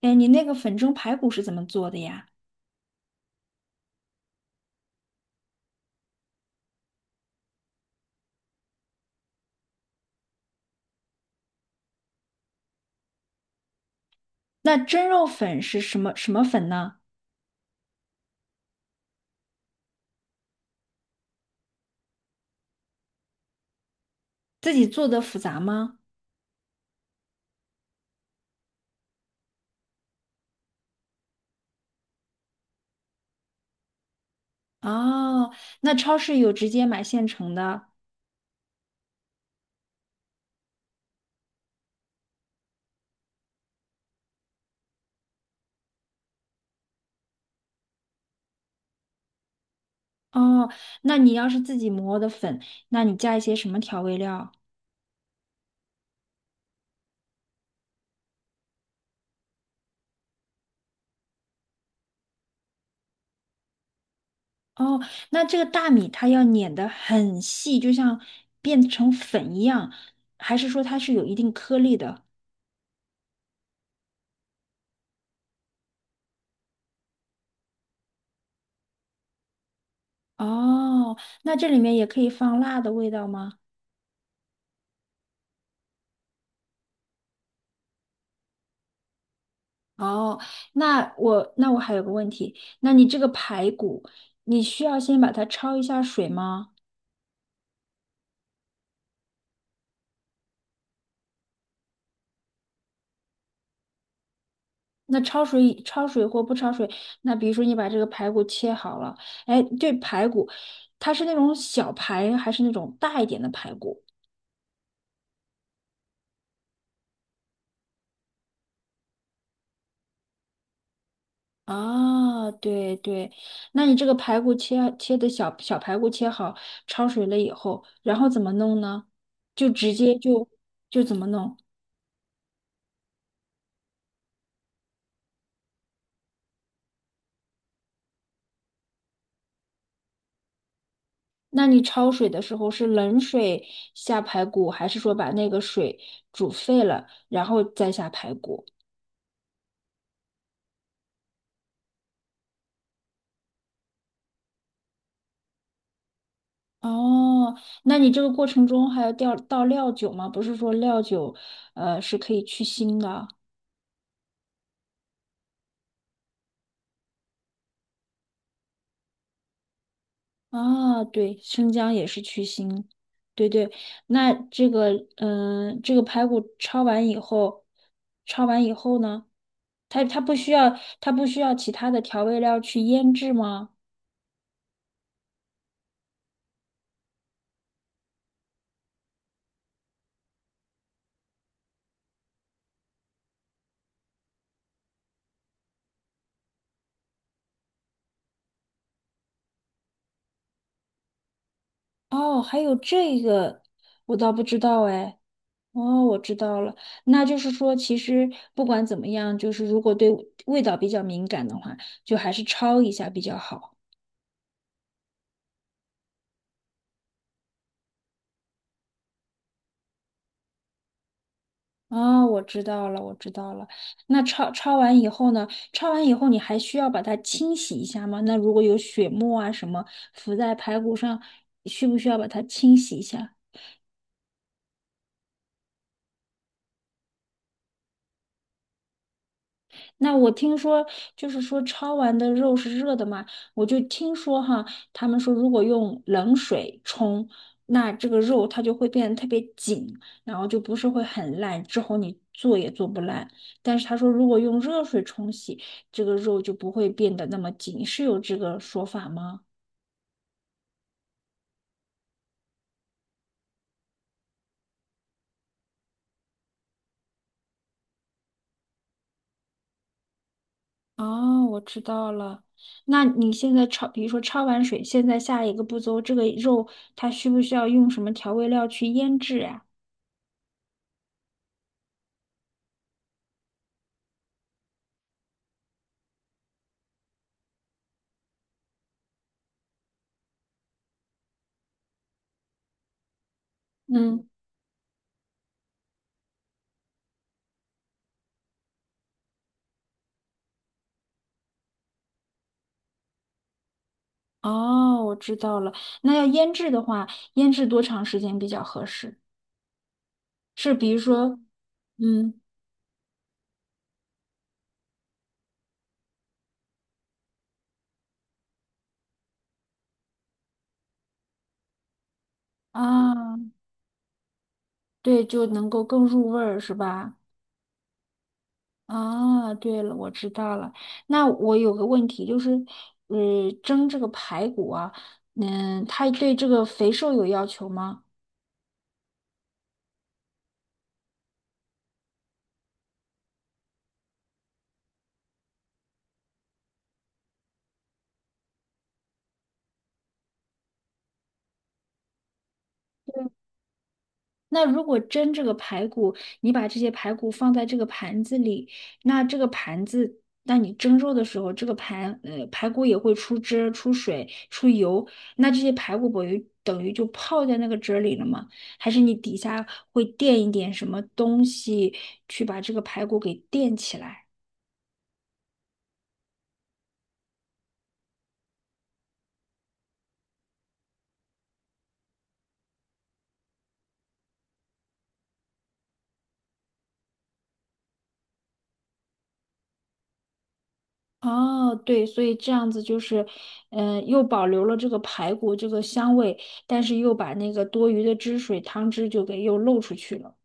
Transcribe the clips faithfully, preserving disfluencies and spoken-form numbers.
哎，你那个粉蒸排骨是怎么做的呀？那蒸肉粉是什么什么粉呢？自己做的复杂吗？哦，那超市有直接买现成的。哦，那你要是自己磨的粉，那你加一些什么调味料？哦，那这个大米它要碾得很细，就像变成粉一样，还是说它是有一定颗粒的？哦，那这里面也可以放辣的味道吗？哦，那我那我还有个问题，那你这个排骨，你需要先把它焯一下水吗？那焯水焯水或不焯水，那比如说你把这个排骨切好了，哎，对，排骨，它是那种小排还是那种大一点的排骨？啊，对对，那你这个排骨切切的小小排骨切好，焯水了以后，然后怎么弄呢？就直接就就怎么弄？那你焯水的时候是冷水下排骨，还是说把那个水煮沸了，然后再下排骨？哦，那你这个过程中还要调倒料酒吗？不是说料酒，呃，是可以去腥的啊。啊，对，生姜也是去腥。对对，那这个，嗯、这个排骨焯完以后，焯完以后呢，它它不需要它不需要其他的调味料去腌制吗？哦，还有这个，我倒不知道哎。哦，我知道了，那就是说，其实不管怎么样，就是如果对味道比较敏感的话，就还是焯一下比较好。哦，我知道了，我知道了。那焯焯完以后呢？焯完以后你还需要把它清洗一下吗？那如果有血沫啊什么浮在排骨上，需不需要把它清洗一下？那我听说，就是说焯完的肉是热的嘛，我就听说哈，他们说如果用冷水冲，那这个肉它就会变得特别紧，然后就不是会很烂，之后你做也做不烂。但是他说，如果用热水冲洗，这个肉就不会变得那么紧，是有这个说法吗？哦，我知道了。那你现在焯，比如说焯完水，现在下一个步骤，这个肉它需不需要用什么调味料去腌制呀？嗯。哦，我知道了。那要腌制的话，腌制多长时间比较合适？是比如说，嗯啊，对，就能够更入味儿，是吧？啊，对了，我知道了。那我有个问题，就是，呃，蒸这个排骨啊，嗯，它对这个肥瘦有要求吗？那如果蒸这个排骨，你把这些排骨放在这个盘子里，那这个盘子，那你蒸肉的时候，这个盘呃排骨也会出汁出水、出油，那这些排骨不就等于就泡在那个汁儿里了吗？还是你底下会垫一点什么东西去把这个排骨给垫起来？哦，对，所以这样子就是，嗯、又保留了这个排骨这个香味，但是又把那个多余的汁水汤汁就给又漏出去了。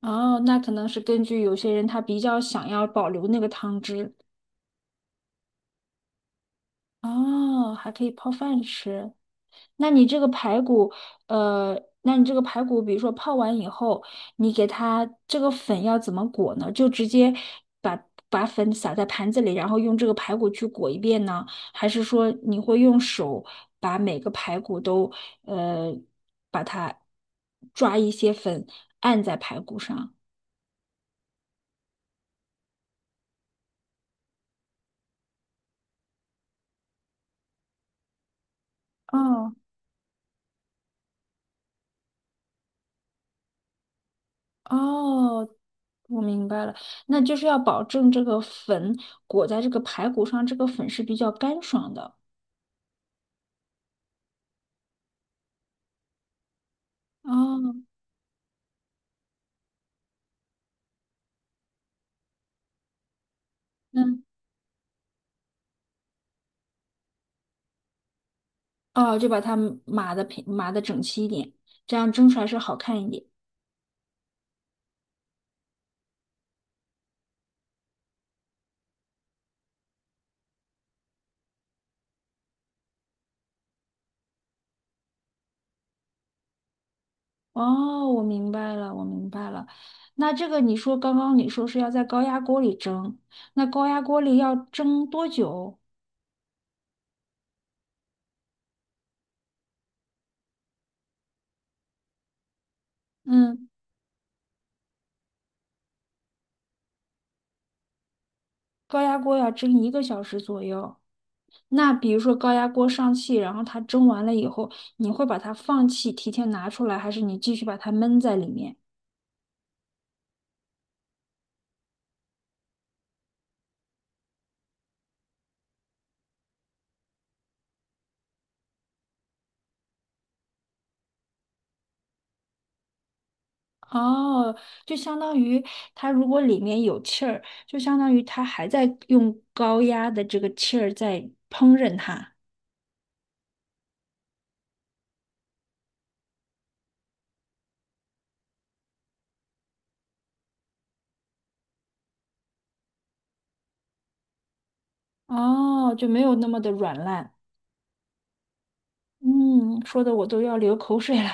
哦，那可能是根据有些人他比较想要保留那个汤汁。哦，还可以泡饭吃。那你这个排骨，呃，那你这个排骨，比如说泡完以后，你给它这个粉要怎么裹呢？就直接把把粉撒在盘子里，然后用这个排骨去裹一遍呢？还是说你会用手把每个排骨都，呃，把它抓一些粉按在排骨上？哦哦，我明白了，那就是要保证这个粉裹在这个排骨上，这个粉是比较干爽的。哦，嗯，哦，就把它码的平，码的整齐一点，这样蒸出来是好看一点。哦，我明白了，我明白了。那这个你说刚刚你说是要在高压锅里蒸，那高压锅里要蒸多久？嗯，高压锅要蒸一个小时左右。那比如说高压锅上气，然后它蒸完了以后，你会把它放气，提前拿出来，还是你继续把它闷在里面？哦，就相当于它如果里面有气儿，就相当于它还在用高压的这个气儿在烹饪它。哦，就没有那么的软烂。嗯，说的我都要流口水了。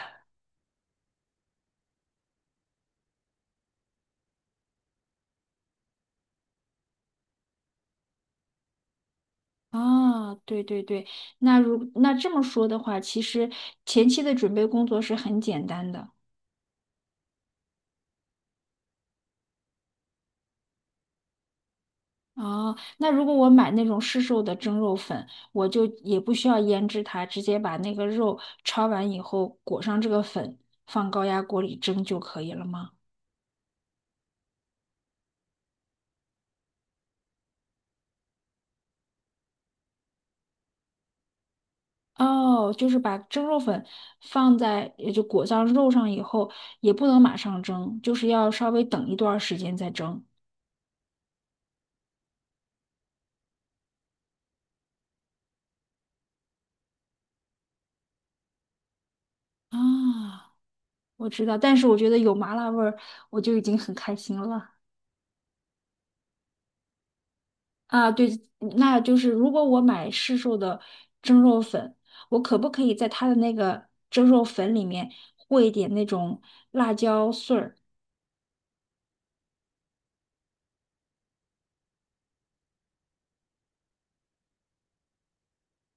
啊，对对对，那如那这么说的话，其实前期的准备工作是很简单的。哦，那如果我买那种市售的蒸肉粉，我就也不需要腌制它，直接把那个肉焯完以后裹上这个粉，放高压锅里蒸就可以了吗？哦，就是把蒸肉粉放在，也就裹上肉上以后，也不能马上蒸，就是要稍微等一段时间再蒸。啊，我知道，但是我觉得有麻辣味儿，我就已经很开心了。啊，对，那就是如果我买市售的蒸肉粉，我可不可以在它的那个蒸肉粉里面和一点那种辣椒碎儿？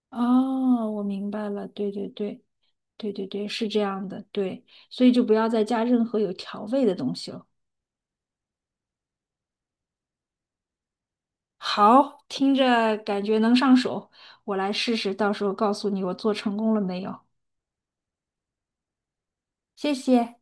哦，我明白了，对对对对对对，是这样的，对，所以就不要再加任何有调味的东西了。好，听着感觉能上手，我来试试，到时候告诉你我做成功了没有。谢谢。